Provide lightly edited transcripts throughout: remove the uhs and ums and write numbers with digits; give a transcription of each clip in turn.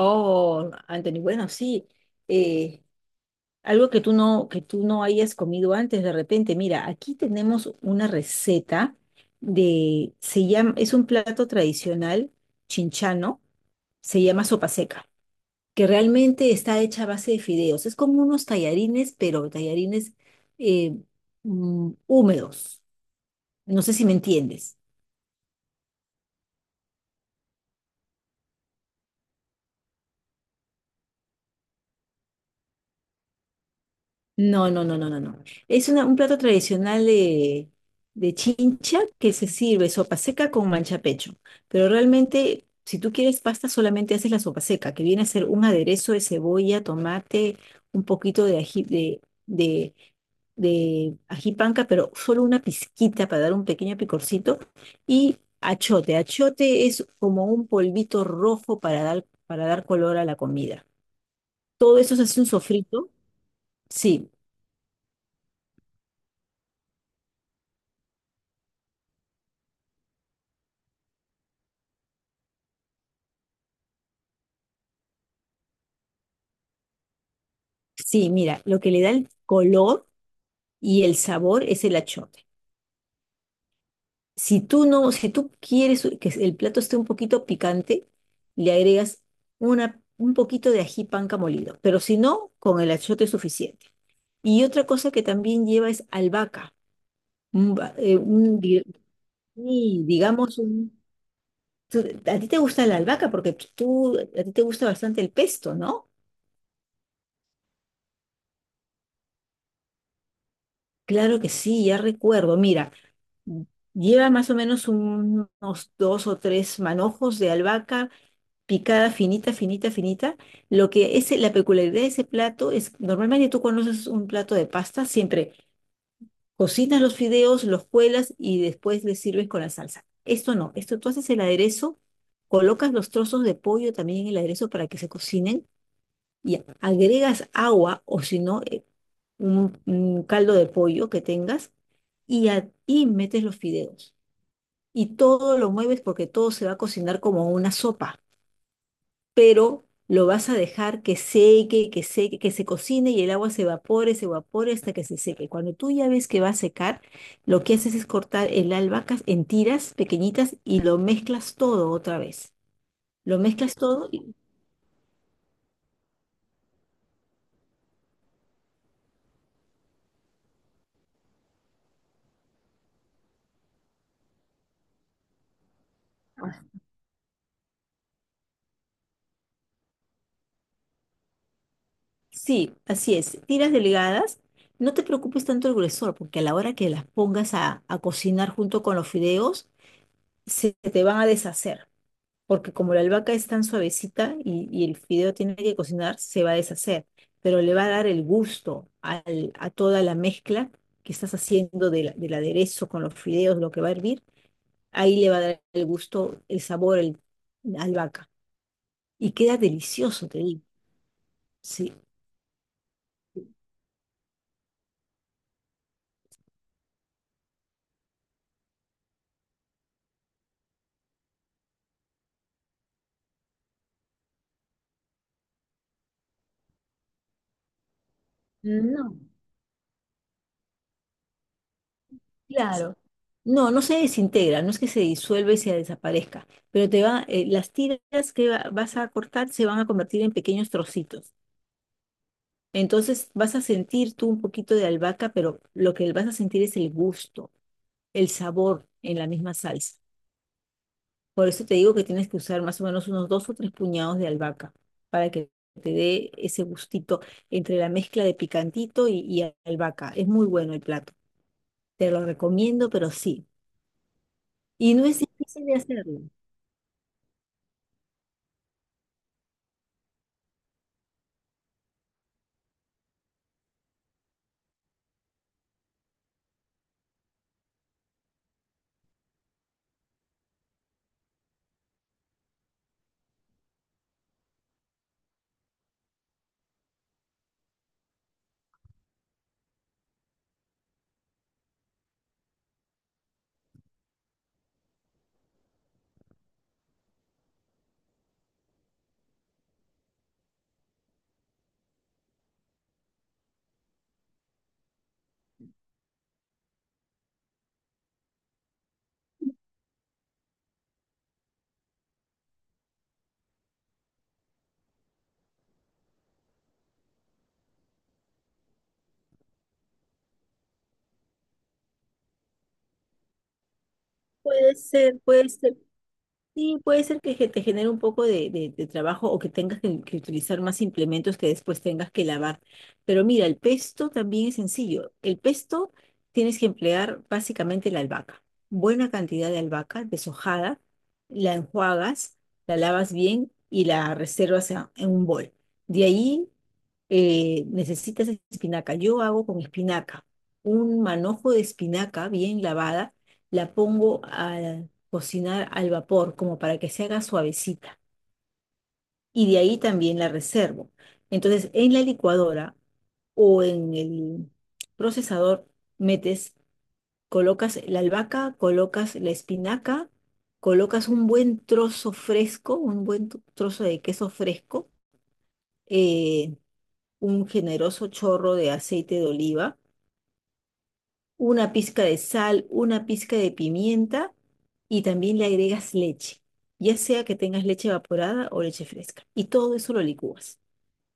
Oh, Anthony, bueno, sí. eh, Algo que tú no hayas comido antes de repente. Mira, aquí tenemos una receta se llama, es un plato tradicional chinchano, se llama sopa seca, que realmente está hecha a base de fideos. Es como unos tallarines, pero tallarines eh, húmedos. No sé si me entiendes. No, no, no, no, no, no. Un plato tradicional de Chincha que se sirve sopa seca con mancha pecho. Pero realmente, si tú quieres pasta, solamente haces la sopa seca, que viene a ser un aderezo de cebolla, tomate, un poquito de de, de ají panca, pero solo una pizquita para dar un pequeño picorcito. Y achote. Achote es como un polvito rojo para para dar color a la comida. Todo eso se hace un sofrito. Sí. Sí, mira, lo que le da el color y el sabor es el achote. Si tú quieres que el plato esté un poquito picante, le agregas un poquito de ají panca molido, pero si no, con el achote es suficiente. Y otra cosa que también lleva es albahaca. Un, ba- un di- Y digamos, a ti te gusta la albahaca porque a ti te gusta bastante el pesto, ¿no? Claro que sí, ya recuerdo. Mira. Lleva más o menos unos dos o tres manojos de albahaca picada finita, finita, finita. Lo que es la peculiaridad de ese plato es, normalmente tú conoces un plato de pasta, siempre cocinas los fideos, los cuelas y después les sirves con la salsa. Esto no, esto tú haces el aderezo, colocas los trozos de pollo también en el aderezo para que se cocinen y agregas agua o si no, un caldo de pollo que tengas y metes los fideos y todo lo mueves porque todo se va a cocinar como una sopa, pero lo vas a dejar que seque, que seque, que se cocine y el agua se evapore hasta que se seque. Cuando tú ya ves que va a secar, lo que haces es cortar el albahaca en tiras pequeñitas y lo mezclas todo otra vez. Lo mezclas todo y sí, así es, tiras delgadas. No te preocupes tanto el gruesor, porque a la hora que las pongas a cocinar junto con los fideos, se te van a deshacer. Porque como la albahaca es tan suavecita y el fideo tiene que cocinar, se va a deshacer, pero le va a dar el gusto a toda la mezcla que estás haciendo de del aderezo con los fideos, lo que va a hervir, ahí le va a dar el gusto, la albahaca. Y queda delicioso, te digo. Sí. No, claro. No, no se desintegra, no es que se disuelva y se desaparezca, pero te va, las tiras vas a cortar se van a convertir en pequeños trocitos. Entonces vas a sentir tú un poquito de albahaca, pero lo que vas a sentir es el gusto, el sabor en la misma salsa. Por eso te digo que tienes que usar más o menos unos dos o tres puñados de albahaca para que te dé ese gustito entre la mezcla de picantito y albahaca. Es muy bueno el plato. Te lo recomiendo, pero sí. Y no es difícil de hacerlo. Puede ser, puede ser. Sí, puede ser que te genere un poco de, de trabajo o que que utilizar más implementos que después tengas que lavar. Pero mira, el pesto también es sencillo. El pesto tienes que emplear básicamente la albahaca. Buena cantidad de albahaca deshojada, la enjuagas, la lavas bien y la reservas en un bol. De ahí necesitas espinaca. Yo hago con espinaca. Un manojo de espinaca bien lavada, la pongo a cocinar al vapor como para que se haga suavecita. Y de ahí también la reservo. Entonces, en la licuadora o en el procesador metes, colocas la albahaca, colocas la espinaca, colocas un buen trozo fresco, un trozo de queso fresco, eh, un generoso chorro de aceite de oliva, una pizca de sal, una pizca de pimienta y también le agregas leche, ya sea que tengas leche evaporada o leche fresca. Y todo eso lo licúas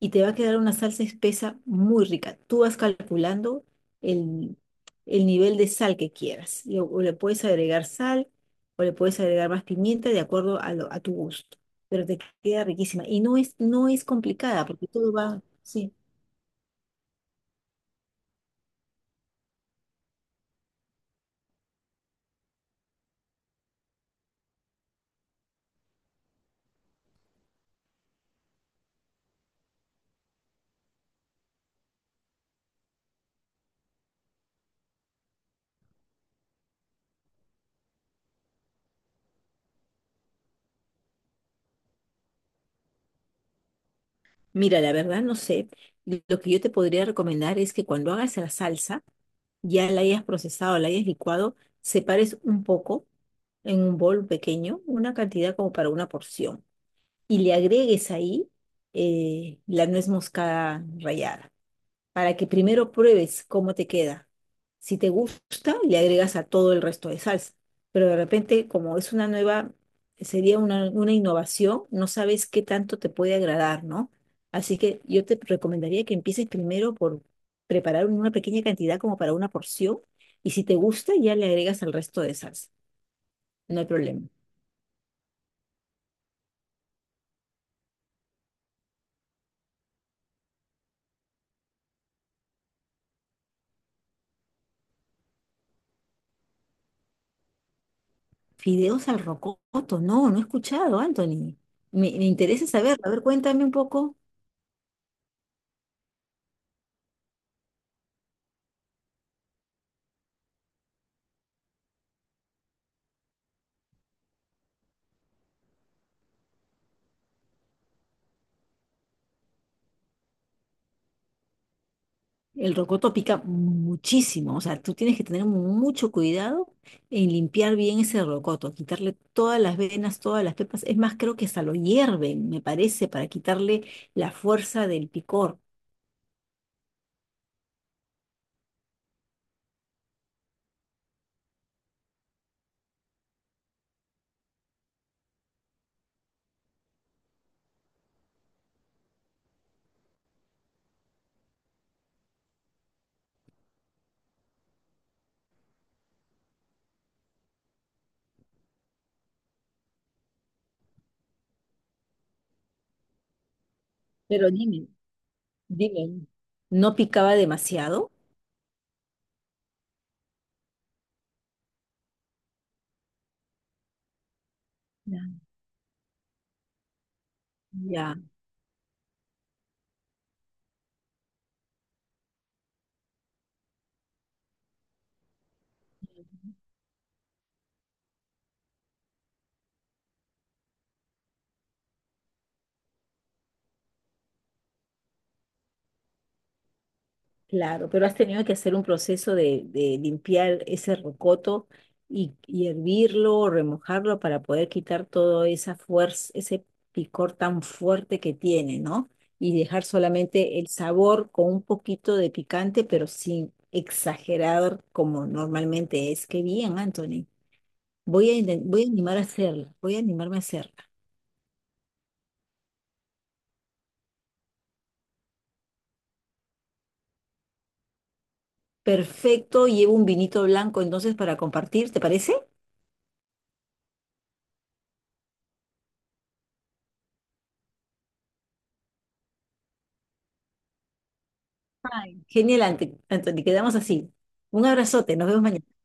y te va a quedar una salsa espesa muy rica. Tú vas calculando el, el nivel de sal que quieras. O le puedes agregar sal o le puedes agregar más pimienta de acuerdo a tu gusto. Pero te queda riquísima. No es complicada porque todo va, sí. Mira, la verdad no sé. Lo que yo te podría recomendar es que cuando hagas la salsa, ya la hayas procesado, la hayas licuado, separes un poco en un bol pequeño, una cantidad como para una porción, y le agregues ahí la nuez moscada rallada para que primero pruebes cómo te queda. Si te gusta, le agregas a todo el resto de salsa. Pero de repente, como es una nueva, sería una innovación, no sabes qué tanto te puede agradar, ¿no? Así que yo te recomendaría que empieces primero por preparar una pequeña cantidad como para una porción y si te gusta ya le agregas al resto de salsa. No hay problema. Fideos al rocoto, no, no he escuchado, Anthony. Me interesa saber, a ver, cuéntame un poco. El rocoto pica muchísimo, o sea, tú tienes que tener mucho cuidado en limpiar bien ese rocoto, quitarle todas las venas, todas las pepas. Es más, creo que hasta lo hierven, me parece, para quitarle la fuerza del picor. Pero dime, dime, ¿no picaba demasiado? Ya. Ya. Claro, pero has tenido que hacer un proceso de limpiar ese rocoto y hervirlo o remojarlo para poder quitar toda esa fuerza, ese picor tan fuerte que tiene, ¿no? Y dejar solamente el sabor con un poquito de picante, pero sin exagerar como normalmente es. Qué bien, Anthony. Voy a animar a hacerla, voy a animarme a hacerla. Perfecto, llevo un vinito blanco entonces para compartir, ¿te parece? Genial, Anthony. Quedamos así. Un abrazote. Nos vemos mañana.